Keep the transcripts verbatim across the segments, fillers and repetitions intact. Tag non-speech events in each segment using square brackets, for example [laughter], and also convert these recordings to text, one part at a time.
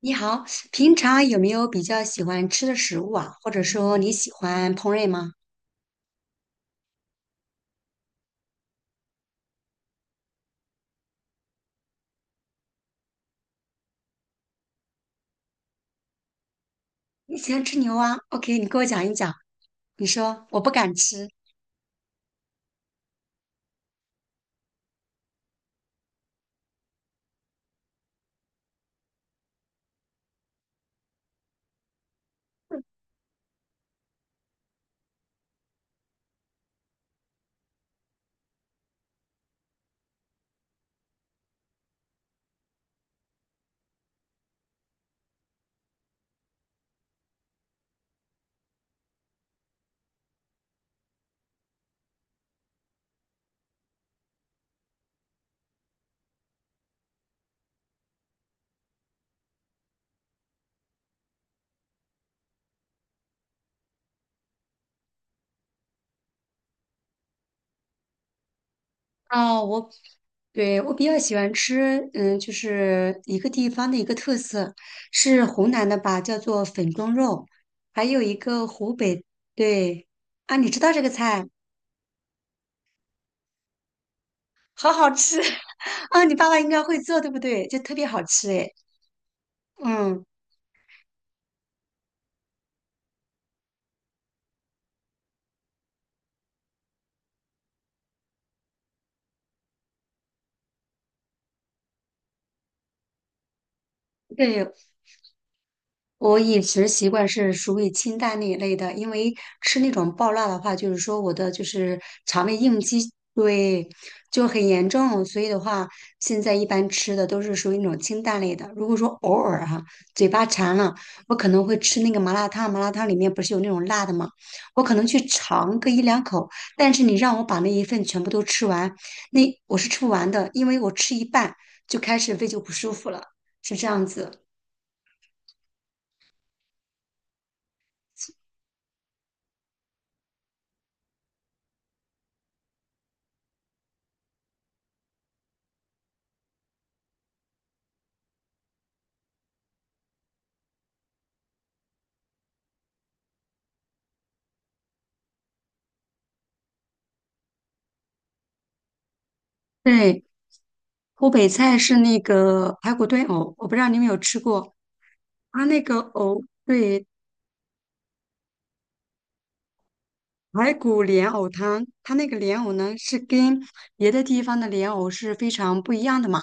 你好，平常有没有比较喜欢吃的食物啊？或者说你喜欢烹饪吗？你喜欢吃牛蛙？OK，你给我讲一讲。你说我不敢吃哦，我对我比较喜欢吃，嗯，就是一个地方的一个特色，是湖南的吧，叫做粉蒸肉，还有一个湖北，对啊，你知道这个菜，好好吃 [laughs] 啊，你爸爸应该会做，对不对？就特别好吃诶。嗯，对，我饮食习惯是属于清淡那一类的，因为吃那种爆辣的话，就是说我的就是肠胃应激对就很严重，所以的话，现在一般吃的都是属于那种清淡类的。如果说偶尔哈、嘴巴馋了，我可能会吃那个麻辣烫，麻辣烫里面不是有那种辣的吗？我可能去尝个一两口，但是你让我把那一份全部都吃完，那我是吃不完的，因为我吃一半就开始胃就不舒服了，是这样子。对，湖北菜是那个排骨炖藕，我不知道你们有吃过。它那个藕，对，排骨莲藕汤，它那个莲藕呢是跟别的地方的莲藕是非常不一样的嘛。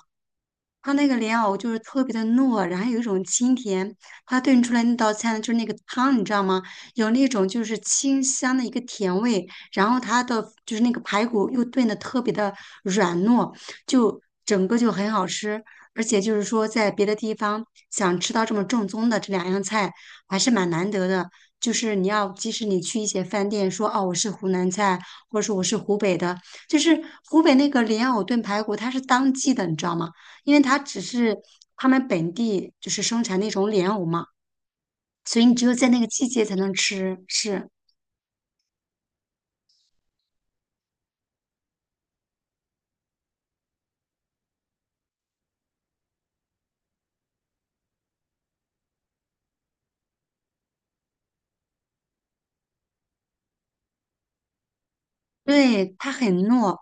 它那个莲藕就是特别的糯，然后有一种清甜。它炖出来那道菜呢，就是那个汤，你知道吗？有那种就是清香的一个甜味，然后它的就是那个排骨又炖的特别的软糯，就整个就很好吃。而且就是说，在别的地方想吃到这么正宗的这两样菜，还是蛮难得的。就是你要，即使你去一些饭店说哦，我是湖南菜，或者说我是湖北的，就是湖北那个莲藕炖排骨，它是当季的，你知道吗？因为它只是他们本地就是生产那种莲藕嘛，所以你只有在那个季节才能吃。是，对，它很糯，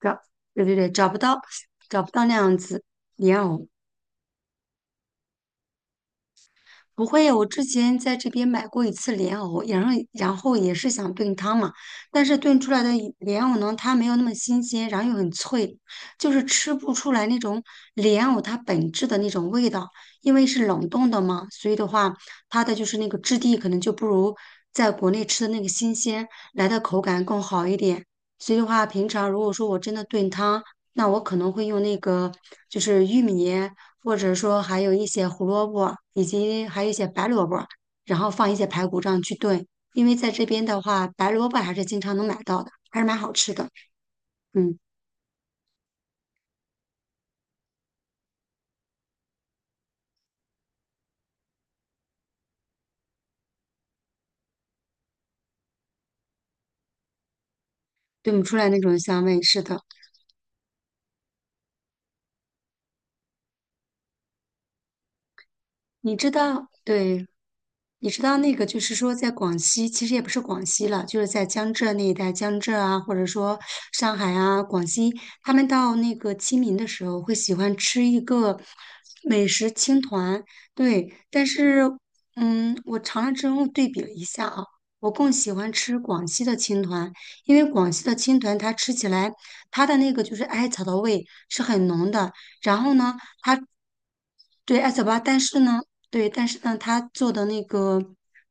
找，对对对，找不到，找不到那样子莲藕。不会，我之前在这边买过一次莲藕，然后然后也是想炖汤嘛，但是炖出来的一莲藕呢，它没有那么新鲜，然后又很脆，就是吃不出来那种莲藕它本质的那种味道，因为是冷冻的嘛，所以的话，它的就是那个质地可能就不如在国内吃的那个新鲜来的口感更好一点。所以的话，平常如果说我真的炖汤，那我可能会用那个就是玉米。或者说还有一些胡萝卜，以及还有一些白萝卜，然后放一些排骨这样去炖。因为在这边的话，白萝卜还是经常能买到的，还是蛮好吃的。嗯，炖不出来那种香味。是的，你知道，对，你知道那个，就是说，在广西，其实也不是广西了，就是在江浙那一带，江浙啊，或者说上海啊、广西，他们到那个清明的时候，会喜欢吃一个美食青团。对，但是，嗯，我尝了之后对比了一下啊，我更喜欢吃广西的青团，因为广西的青团它吃起来，它的那个就是艾草的味是很浓的，然后呢，对，艾草吧，但是呢，对，但是呢，它做的那个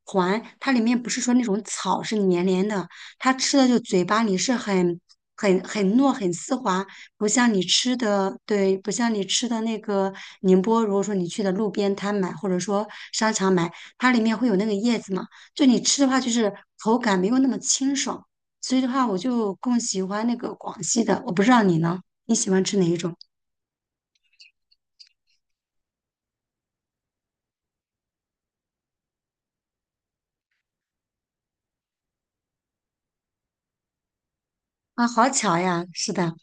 环，它里面不是说那种草是黏黏的，它吃的就嘴巴里是很很很糯很丝滑，不像你吃的，对，不像你吃的那个宁波，如果说你去的路边摊买或者说商场买，它里面会有那个叶子嘛，就你吃的话就是口感没有那么清爽，所以的话我就更喜欢那个广西的，我不知道你呢，你喜欢吃哪一种啊？好巧呀，是的。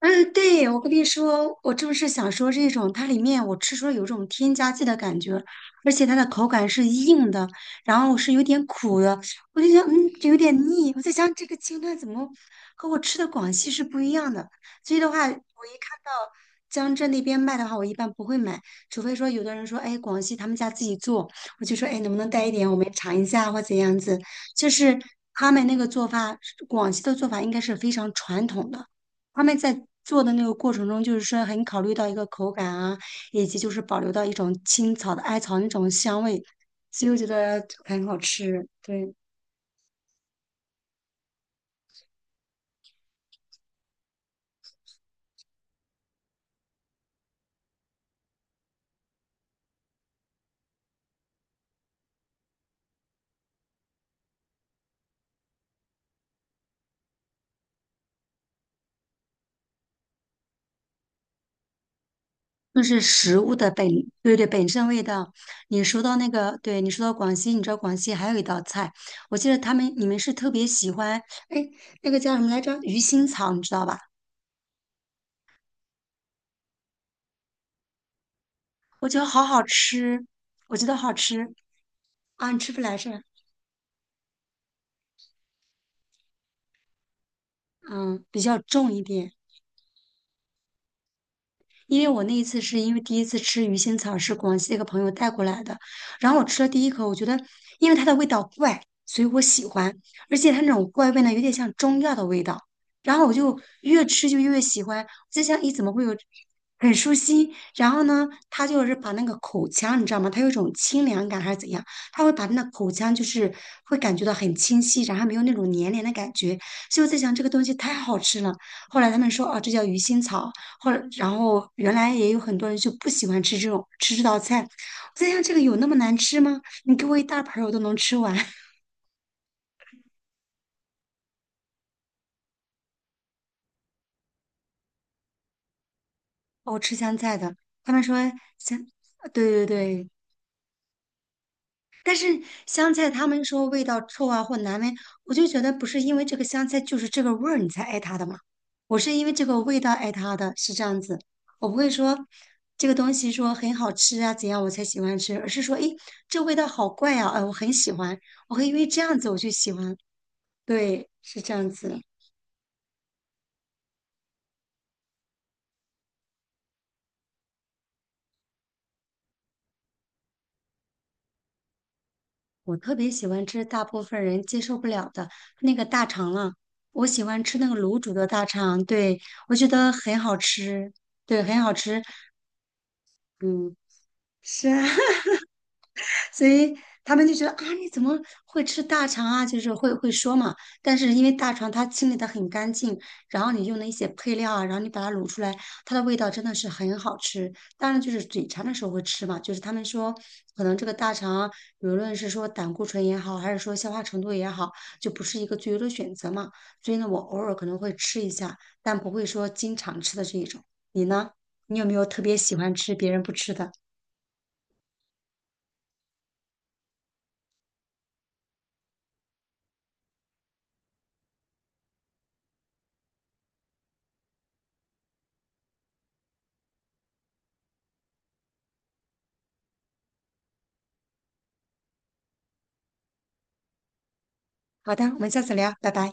嗯，对，我跟你说，我正是想说这种，它里面我吃出了有种添加剂的感觉，而且它的口感是硬的，然后是有点苦的，我就想，嗯，这有点腻。我在想这个青淡怎么和我吃的广西是不一样的，所以的话，我一看到江浙那边卖的话，我一般不会买，除非说有的人说，哎，广西他们家自己做，我就说，哎，能不能带一点，我们尝一下或怎样子，就是他们那个做法，广西的做法应该是非常传统的。他们在做的那个过程中，就是说很考虑到一个口感啊，以及就是保留到一种青草的艾草那种香味，所以我觉得很好吃。对，就是食物的本，对对，本身味道。你说到那个，对你说到广西，你知道广西还有一道菜，我记得他们你们是特别喜欢，哎，那个叫什么来着？鱼腥草，你知道吧？我觉得好好吃，我觉得好吃啊，你吃不来是吧嗯，比较重一点。因为我那一次是因为第一次吃鱼腥草是广西的一个朋友带过来的，然后我吃了第一口，我觉得因为它的味道怪，所以我喜欢，而且它那种怪味呢，有点像中药的味道，然后我就越吃就越喜欢，在想咦怎么会有很舒心，然后呢，它就是把那个口腔你知道吗？它有一种清凉感还是怎样，它会把那个口腔就是会感觉到很清晰，然后没有那种黏黏的感觉，所以我在想这个东西太好吃了。后来他们说哦，这叫鱼腥草。后来，然后原来也有很多人就不喜欢吃这种吃这道菜。我在想，这个有那么难吃吗？你给我一大盆，儿，我都能吃完。[laughs] 我吃香菜的，他们说香，对对对，但是香菜他们说味道臭啊或难闻，我就觉得不是因为这个香菜就是这个味儿你才爱它的嘛，我是因为这个味道爱它的，是这样子。我不会说这个东西说很好吃啊怎样我才喜欢吃，而是说，诶，这味道好怪啊，哎，我很喜欢，我会因为这样子我就喜欢了对，是这样子。我特别喜欢吃大部分人接受不了的那个大肠了，我喜欢吃那个卤煮的大肠，对，我觉得很好吃，对，很好吃。嗯，是啊，[laughs] 所以他们就觉得啊，你怎么会吃大肠啊？就是会会说嘛。但是因为大肠它清理的很干净，然后你用的一些配料啊，然后你把它卤出来，它的味道真的是很好吃。当然就是嘴馋的时候会吃嘛，就是他们说可能这个大肠，无论是说胆固醇也好，还是说消化程度也好，就不是一个最优的选择嘛。所以呢，我偶尔可能会吃一下，但不会说经常吃的这一种。你呢？你有没有特别喜欢吃别人不吃的？好的，我们下次聊，拜拜。